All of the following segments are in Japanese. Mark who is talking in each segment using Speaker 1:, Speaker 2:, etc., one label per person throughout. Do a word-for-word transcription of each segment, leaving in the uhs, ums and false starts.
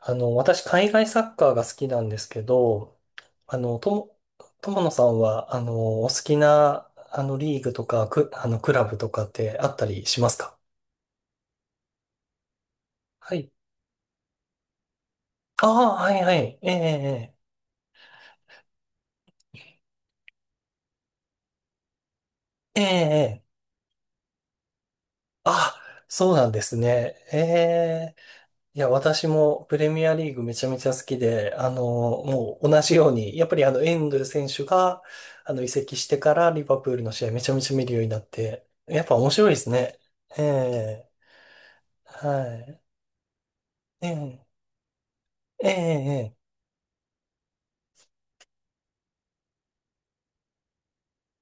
Speaker 1: あの、私、海外サッカーが好きなんですけど、あの、とも、友野さんは、あの、お好きな、あの、リーグとか、く、あの、クラブとかってあったりしますか？はい。ああ、はいはい。ええ、ええ、ええ。ええ、あ、そうなんですね。ええ。いや、私もプレミアリーグめちゃめちゃ好きで、あの、もう同じように、やっぱりあの、遠藤選手が、あの、移籍してからリバプールの試合めちゃめちゃ見るようになって、やっぱ面白いですね。ええ。はい。ええ、ええ、ええ、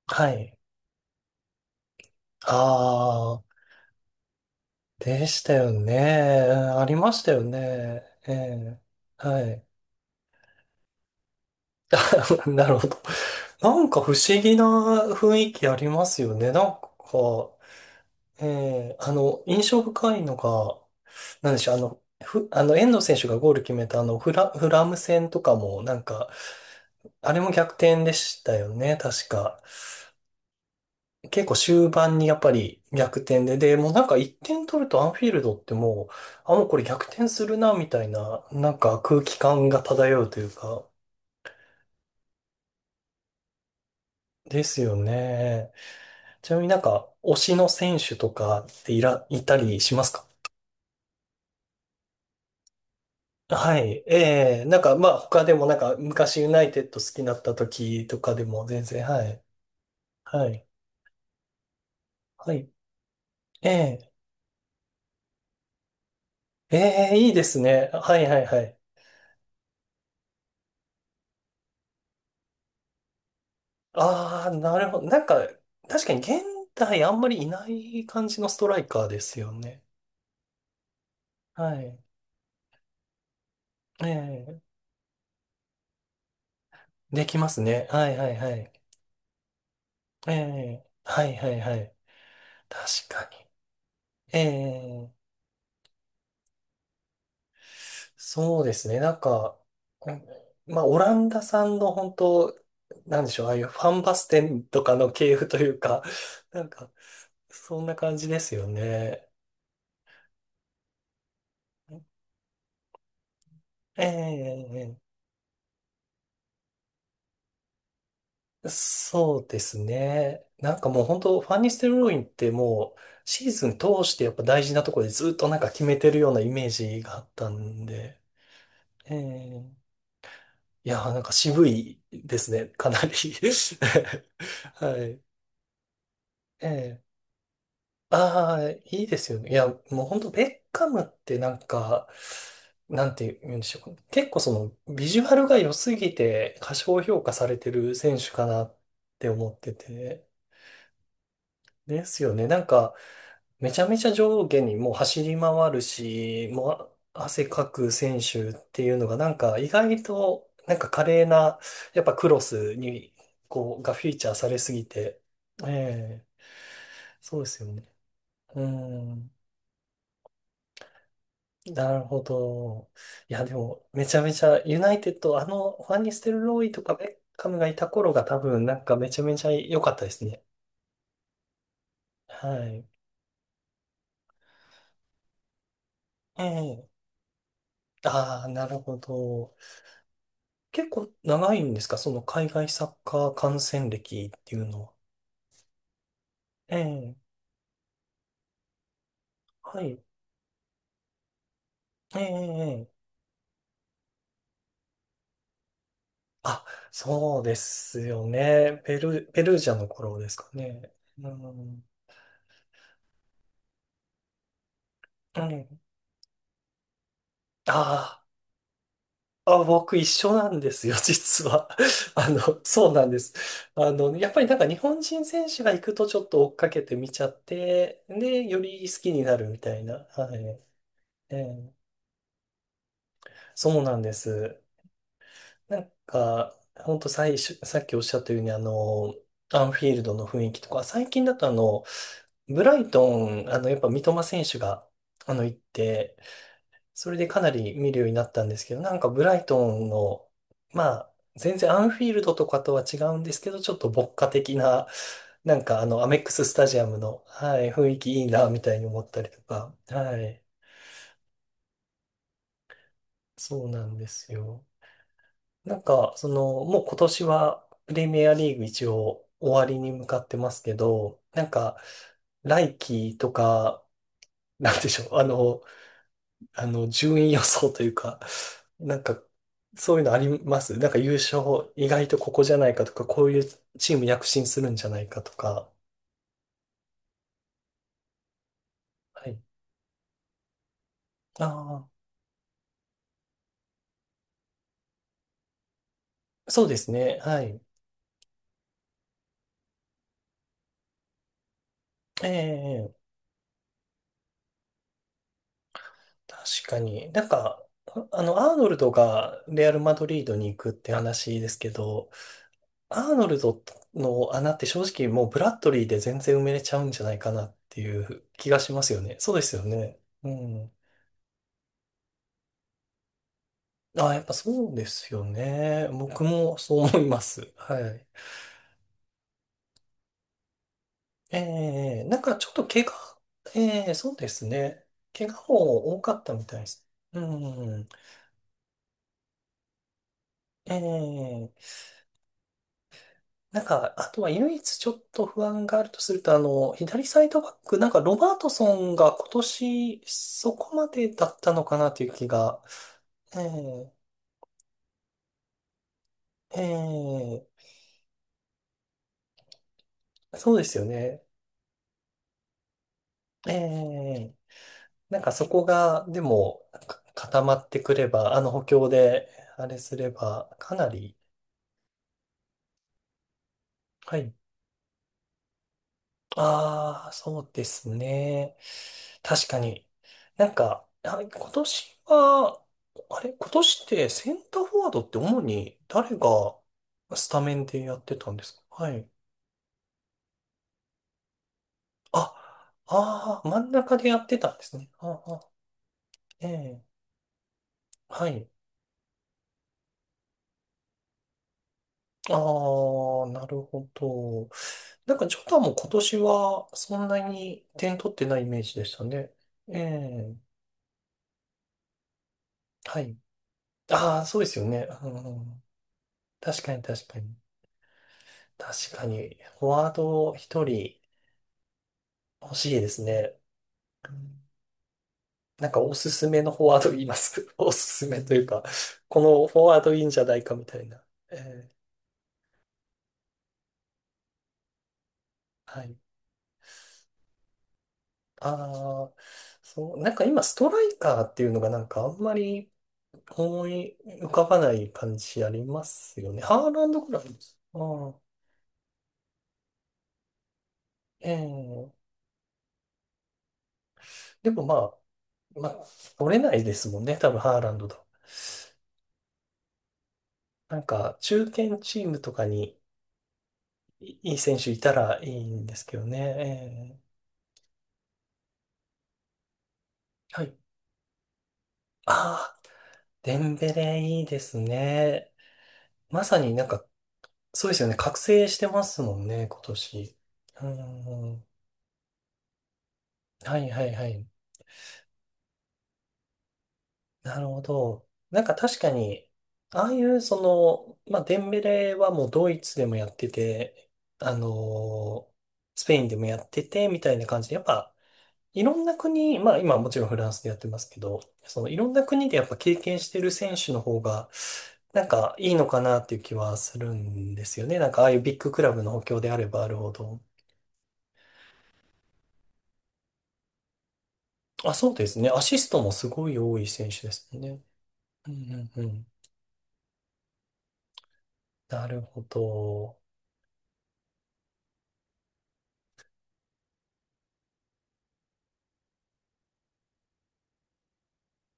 Speaker 1: はい。ああ、でしたよね。うん、ありましたよね。ええ、はい。なるほど。なんか不思議な雰囲気ありますよね。なんか、ええ、あの、印象深いのが、なんでしょう、あの、ふ、あの、遠藤選手がゴール決めたあの、フラ、フラム戦とかも、なんか、あれも逆転でしたよね、確か。結構終盤にやっぱり逆転で、で、もうなんかいってん取るとアンフィールドってもう、あ、もうこれ逆転するな、みたいな、なんか空気感が漂うというか、ですよね。ちなみになんか、推しの選手とかっていら、いたりしますか？はい。ええ、なんかまあ他でもなんか昔ユナイテッド好きになった時とかでも全然、はい。はい。はい。ええ、ええ、いいですね。はいはいはい。ああ、なるほど。なんか、確かに現代あんまりいない感じのストライカーですよね。はい。ええ、できますね。はいはいはい。ええ、はいはいはい。確かに。ええ、そうですね。なんか、うん、まあ、オランダさんの本当、なんでしょう、ああいうファンバステンとかの系譜というか、なんか、そんな感じですよね。ええ、そうですね。なんかもう本当ファンニステルロインってもう、シーズン通してやっぱ大事なところでずっとなんか決めてるようなイメージがあったんで、ええ、いやー、なんか渋いですね、かなり はい。ええ、ああ、いいですよね。いや、もう本当ベッカムってなんか、なんて言うんでしょうか。結構その、ビジュアルが良すぎて過小評価されてる選手かなって思ってて。ですよね。なんか、めちゃめちゃ上下にもう走り回るし、もう、あ、汗かく選手っていうのがなんか意外となんか華麗な、やっぱクロスにこうがフィーチャーされすぎて、ええ、そうですよね。うん、なるほど。いやでもめちゃめちゃユナイテッド、あのファンニステルローイとかベッカムがいた頃が多分なんかめちゃめちゃ良かったですね。はい。ええ、ああ、なるほど。結構長いんですか？その海外サッカー観戦歴っていうのは。ええ、はい。ええ、ええ、あ、そうですよね。ペル、ペルージャの頃ですかね。うん。うん。ああ、あ、僕一緒なんですよ、実は。あの、そうなんです。あの、やっぱりなんか日本人選手が行くとちょっと追っかけて見ちゃって、で、より好きになるみたいな。はい。ええ、そうなんです。なんか、ほんと最初、さっきおっしゃったように、あの、アンフィールドの雰囲気とか、最近だとあの、ブライトン、あの、やっぱ三笘選手が、あの、行って、それでかなり見るようになったんですけど、なんかブライトンの、まあ、全然アンフィールドとかとは違うんですけど、ちょっと牧歌的な、なんかあの、アメックススタジアムの、はい、雰囲気いいな、みたいに思ったりとか、はい、そうなんですよ。なんか、その、もう今年はプレミアリーグ一応終わりに向かってますけど、なんか、来季とか、なんでしょう、あの、あの、順位予想というか、なんか、そういうのあります？なんか優勝、意外とここじゃないかとか、こういうチーム躍進するんじゃないかとか。はい。ああ、そうですね。はい。ええ、確かに。なんか、ああの、アーノルドがレアル・マドリードに行くって話ですけど、アーノルドの穴って正直もうブラッドリーで全然埋めれちゃうんじゃないかなっていう気がしますよね。そうですよね。うん。あ、やっぱそうですよね。僕もそう思います。はい。えー、なんかちょっと怪我、えー、そうですね。怪我も多かったみたいです。うん。えー、なんか、あとは唯一ちょっと不安があるとすると、あの、左サイドバック、なんかロバートソンが今年そこまでだったのかなという気が、ええ、ええ、そうですよね。ええ、なんかそこが、でも、か固まってくれば、あの補強で、あれすれば、かなり、はい。ああ、そうですね。確かに。なんか、あ、今年は、あれ、今年ってセンターフォワードって主に誰がスタメンでやってたんですか？はい。あ、ああ、真ん中でやってたんですね。ああ、ええ。はい。ああ、なるほど。なんか、ジョタも今年はそんなに点取ってないイメージでしたね。ええ、はい。ああ、そうですよね。うん、確かに、確かに。確かに、フォワード一人欲しいですね。うん、なんか、おすすめのフォワード言います。おすすめというか、このフォワードいいんじゃないかみたいな。ええ、はい。ああ、そう、なんか今、ストライカーっていうのがなんかあんまり、思い浮かばない感じありますよね。ハーランドくらいです。ああ、ええ、でもまあ、まあ、取れないですもんね。多分ハーランドと。なんか、中堅チームとかにいいい選手いたらいいんですけどね。ええ、はい。ああ、デンベレいいですね。まさになんか、そうですよね。覚醒してますもんね、今年。うんうん。はいはいはい。なるほど。なんか確かに、ああいうその、まあ、デンベレはもうドイツでもやってて、あのースペインでもやってて、みたいな感じで、やっぱ、いろんな国、まあ今もちろんフランスでやってますけど、そのいろんな国でやっぱ経験してる選手の方が、なんかいいのかなっていう気はするんですよね。なんかああいうビッグクラブの補強であればあるほど。あ、そうですね。アシストもすごい多い選手ですもんね。うんうんうん。なるほど。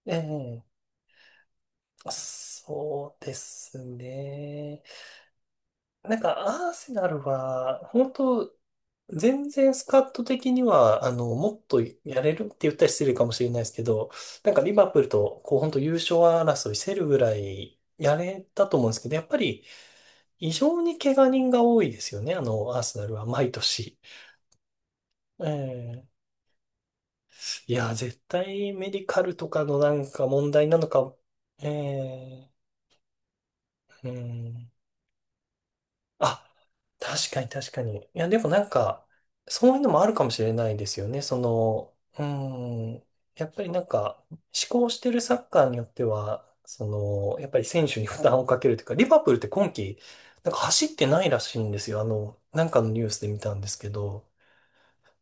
Speaker 1: ええ、そうですね。なんか、アーセナルは、本当全然スカット的には、あの、もっとやれるって言ったら失礼かもしれないですけど、なんかリバプールと、こう、本当優勝争いせるぐらいやれたと思うんですけど、やっぱり、異常に怪我人が多いですよね、あの、アーセナルは、毎年。ええ、いや、絶対メディカルとかのなんか問題なのか、ええ、うん。あ、確かに確かに。いや、でもなんか、そういうのもあるかもしれないですよね。その、うーん、やっぱりなんか、思考してるサッカーによっては、その、やっぱり選手に負担をかけるというか、リバプールって今季、なんか走ってないらしいんですよ。あの、なんかのニュースで見たんですけど、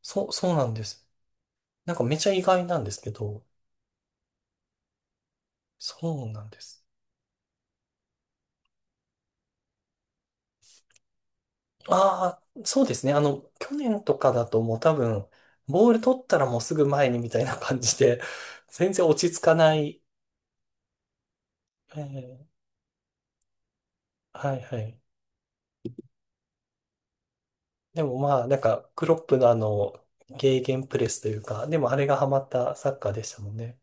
Speaker 1: そう、そうなんです。なんかめちゃ意外なんですけど、そうなんです。ああ、そうですね。あの、去年とかだともう多分、ボール取ったらもうすぐ前にみたいな感じで、全然落ち着かない。ええ、はいはい。でもまあ、なんか、クロップのあの、ゲーゲンプレスというか、でもあれがハマったサッカーでしたもんね。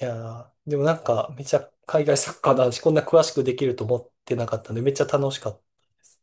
Speaker 1: いやー、でもなんか、めちゃ海外サッカーの話、こんな詳しくできると思ってなかったんで、めっちゃ楽しかったです。